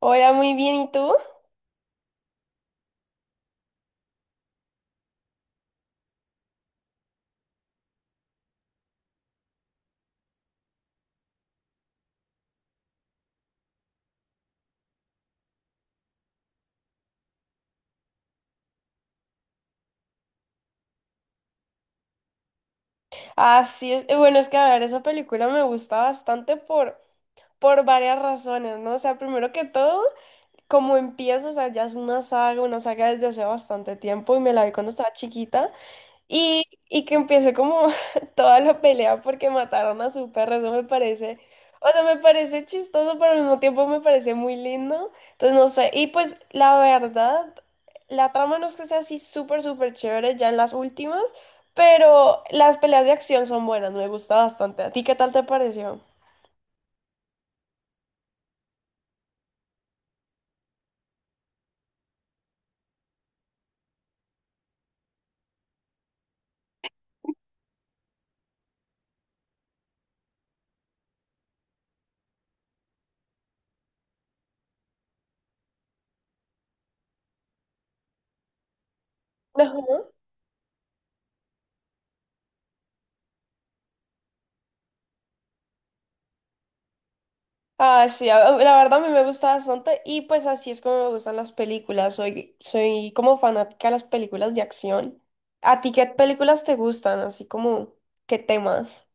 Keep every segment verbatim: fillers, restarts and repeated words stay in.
Hola, muy bien, ¿y tú? Así es, eh, bueno, es que a ver, esa película me gusta bastante por, por varias razones, ¿no? O sea, primero que todo, como empieza, o sea, ya es una saga, una saga desde hace bastante tiempo y me la vi cuando estaba chiquita. Y, y que empiece como toda la pelea porque mataron a su perro, eso me parece, o sea, me parece chistoso, pero al mismo tiempo me parece muy lindo. Entonces, no sé, y pues la verdad, la trama no es que sea así súper, súper chévere ya en las últimas, pero las peleas de acción son buenas, me gusta bastante. ¿A ti qué tal te pareció? Ah, sí, a- a- la verdad a mí me gusta bastante y pues así es como me gustan las películas. Soy, soy como fanática de las películas de acción. ¿A ti qué películas te gustan? Así como, ¿qué temas?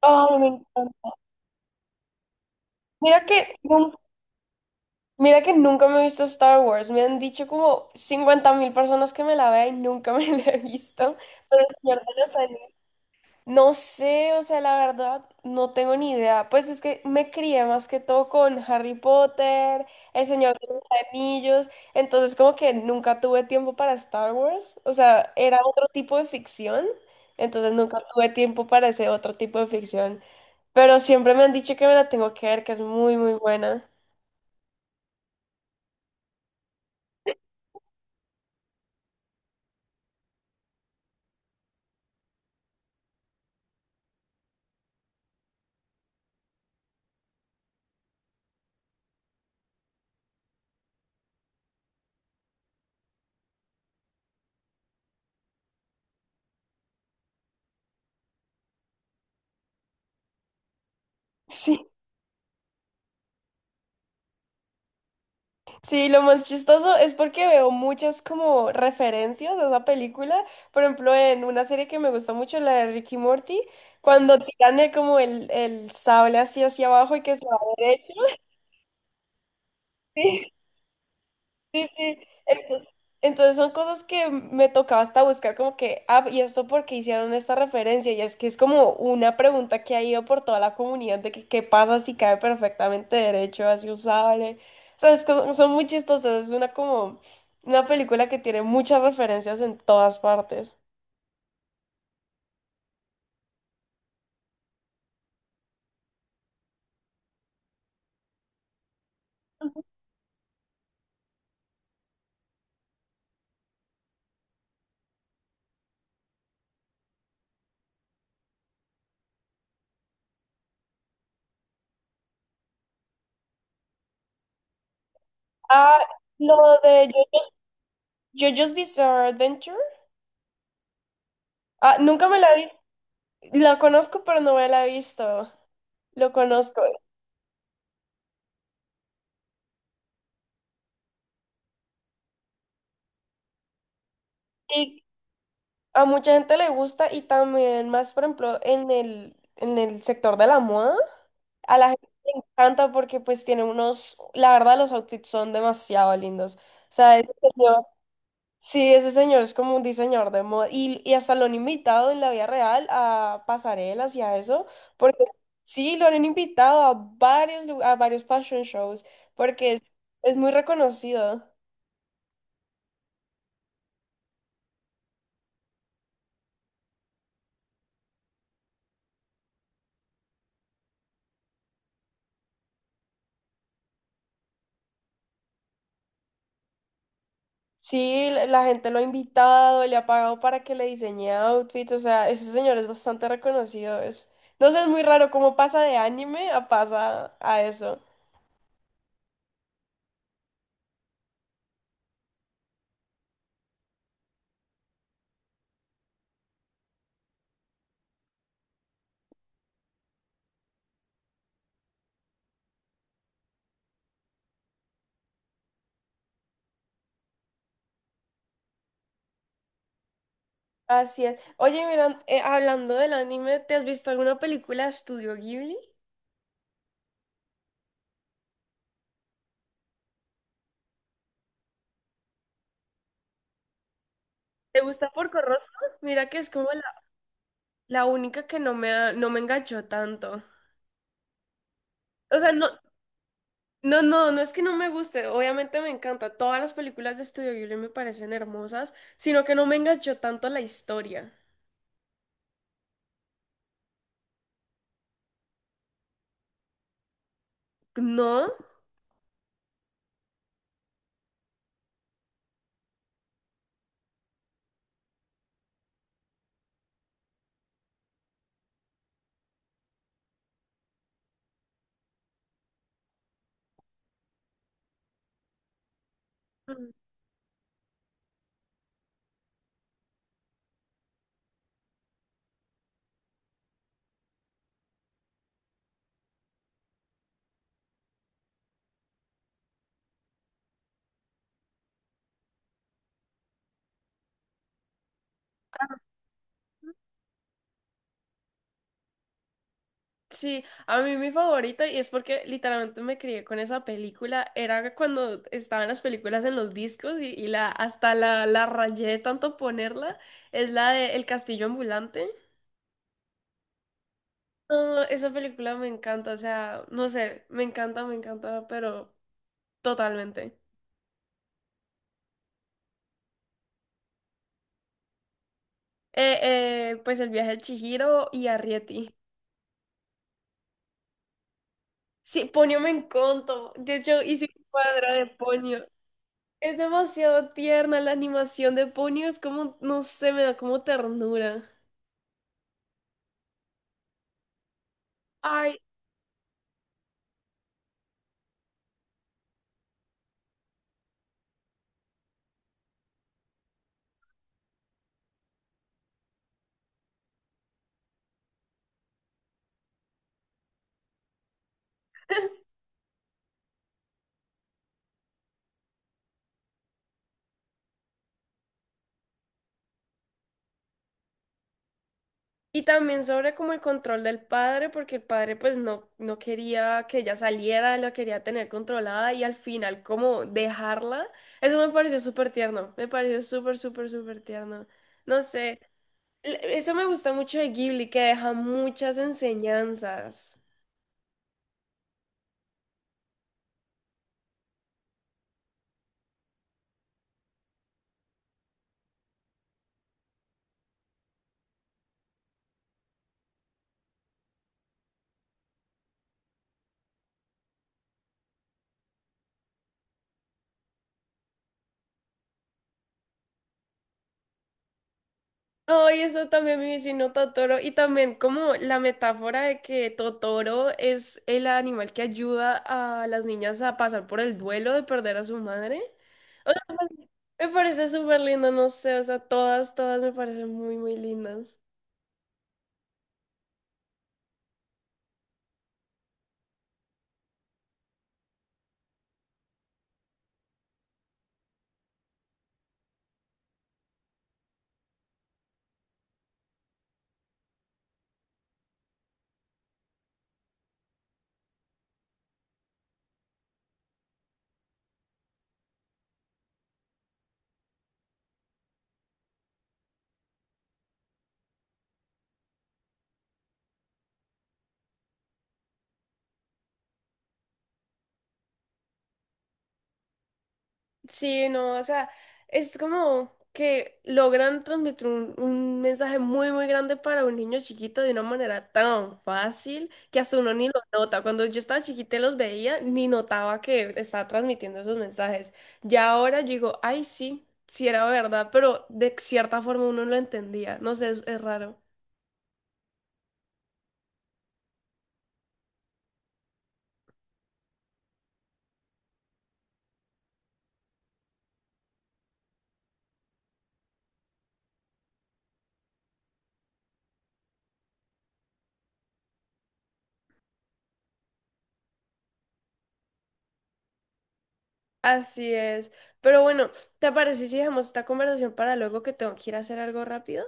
Ay, me encanta. Mira que, nun- Mira que nunca me he visto Star Wars. Me han dicho como cincuenta mil personas que me la vea y nunca me la he visto. Pero el Señor de los Anillos. No sé, o sea, la verdad, no tengo ni idea. Pues es que me crié más que todo con Harry Potter, El Señor de los Anillos, entonces como que nunca tuve tiempo para Star Wars, o sea, era otro tipo de ficción, entonces nunca tuve tiempo para ese otro tipo de ficción, pero siempre me han dicho que me la tengo que ver, que es muy, muy buena. Sí. Sí, lo más chistoso es porque veo muchas como referencias a esa película. Por ejemplo, en una serie que me gusta mucho, la de Ricky Morty, cuando tiran el, como el, el sable así hacia abajo y que se va derecho. Sí, sí. Entonces, entonces son cosas que me tocaba hasta buscar como que, ah, y esto porque hicieron esta referencia, y es que es como una pregunta que ha ido por toda la comunidad de que qué pasa si cae perfectamente derecho, así usable. O sea, es como son muy chistosas, es una como una película que tiene muchas referencias en todas partes. Ah, lo de Jo- JoJo's Bizarre Adventure. Ah, nunca me la vi. La conozco, pero no me la he visto. Lo conozco. A mucha gente le gusta y también más, por ejemplo, en el, en el sector de la moda, a la gente le encanta porque pues tiene unos, la verdad los outfits son demasiado lindos. O sea, ese señor, sí, ese señor es como un diseñador de moda y, y hasta lo han invitado en la vida real a pasarelas y a eso, porque sí, lo han invitado a varios, lu- a varios fashion shows porque es, es muy reconocido. Sí, la la gente lo ha invitado, le ha pagado para que le diseñe outfits, o sea, ese señor es bastante reconocido. Es... No sé, es muy raro cómo pasa de anime a pasa a eso. Así es. Oye, mira, eh, hablando del anime, ¿te has visto alguna película de Estudio Ghibli? ¿Te gusta Porco Rosso? Mira que es como la, la única que no me, ha- no me enganchó tanto. O sea, no, no, no, no es que no me guste, obviamente me encanta. Todas las películas de Estudio Ghibli me parecen hermosas, sino que no me enganchó tanto la historia. ¿No? Sí, a mí mi favorito, y es porque literalmente me crié con esa película, era cuando estaban las películas en los discos y, y la, hasta la, la rayé de tanto ponerla, es la de El Castillo Ambulante. No, esa película me encanta, o sea, no sé, me encanta, me encanta, pero totalmente. Eh, eh, pues el viaje de Chihiro y Arrietty. Sí, Ponyo me encantó. De hecho, hice un cuadro de Ponyo. Es demasiado tierna la animación de Ponyo, es como, no sé, me da como ternura. Ay, y también sobre como el control del padre, porque el padre pues no, no quería que ella saliera, la quería tener controlada y al final como dejarla, eso me pareció súper tierno, me pareció súper, súper, súper tierno. No sé, l- eso me gusta mucho de Ghibli, que deja muchas enseñanzas. Ay, eso también mi vecino Totoro. Y también como la metáfora de que Totoro es el animal que ayuda a las niñas a pasar por el duelo de perder a su madre. O sea, me parece súper lindo, no sé, o sea, todas, todas me parecen muy, muy lindas. Sí, no, o sea, es como que logran transmitir un, un mensaje muy, muy grande para un niño chiquito de una manera tan fácil que hasta uno ni lo nota. Cuando yo estaba chiquita y los veía, ni notaba que estaba transmitiendo esos mensajes. Ya ahora yo digo, ay, sí, sí era verdad, pero de cierta forma uno lo entendía. No sé, es, es raro. Así es. Pero bueno, ¿te parece si dejamos esta conversación para luego que tengo que ir a hacer algo rápido?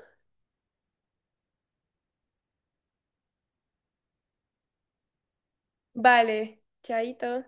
Vale, chaito.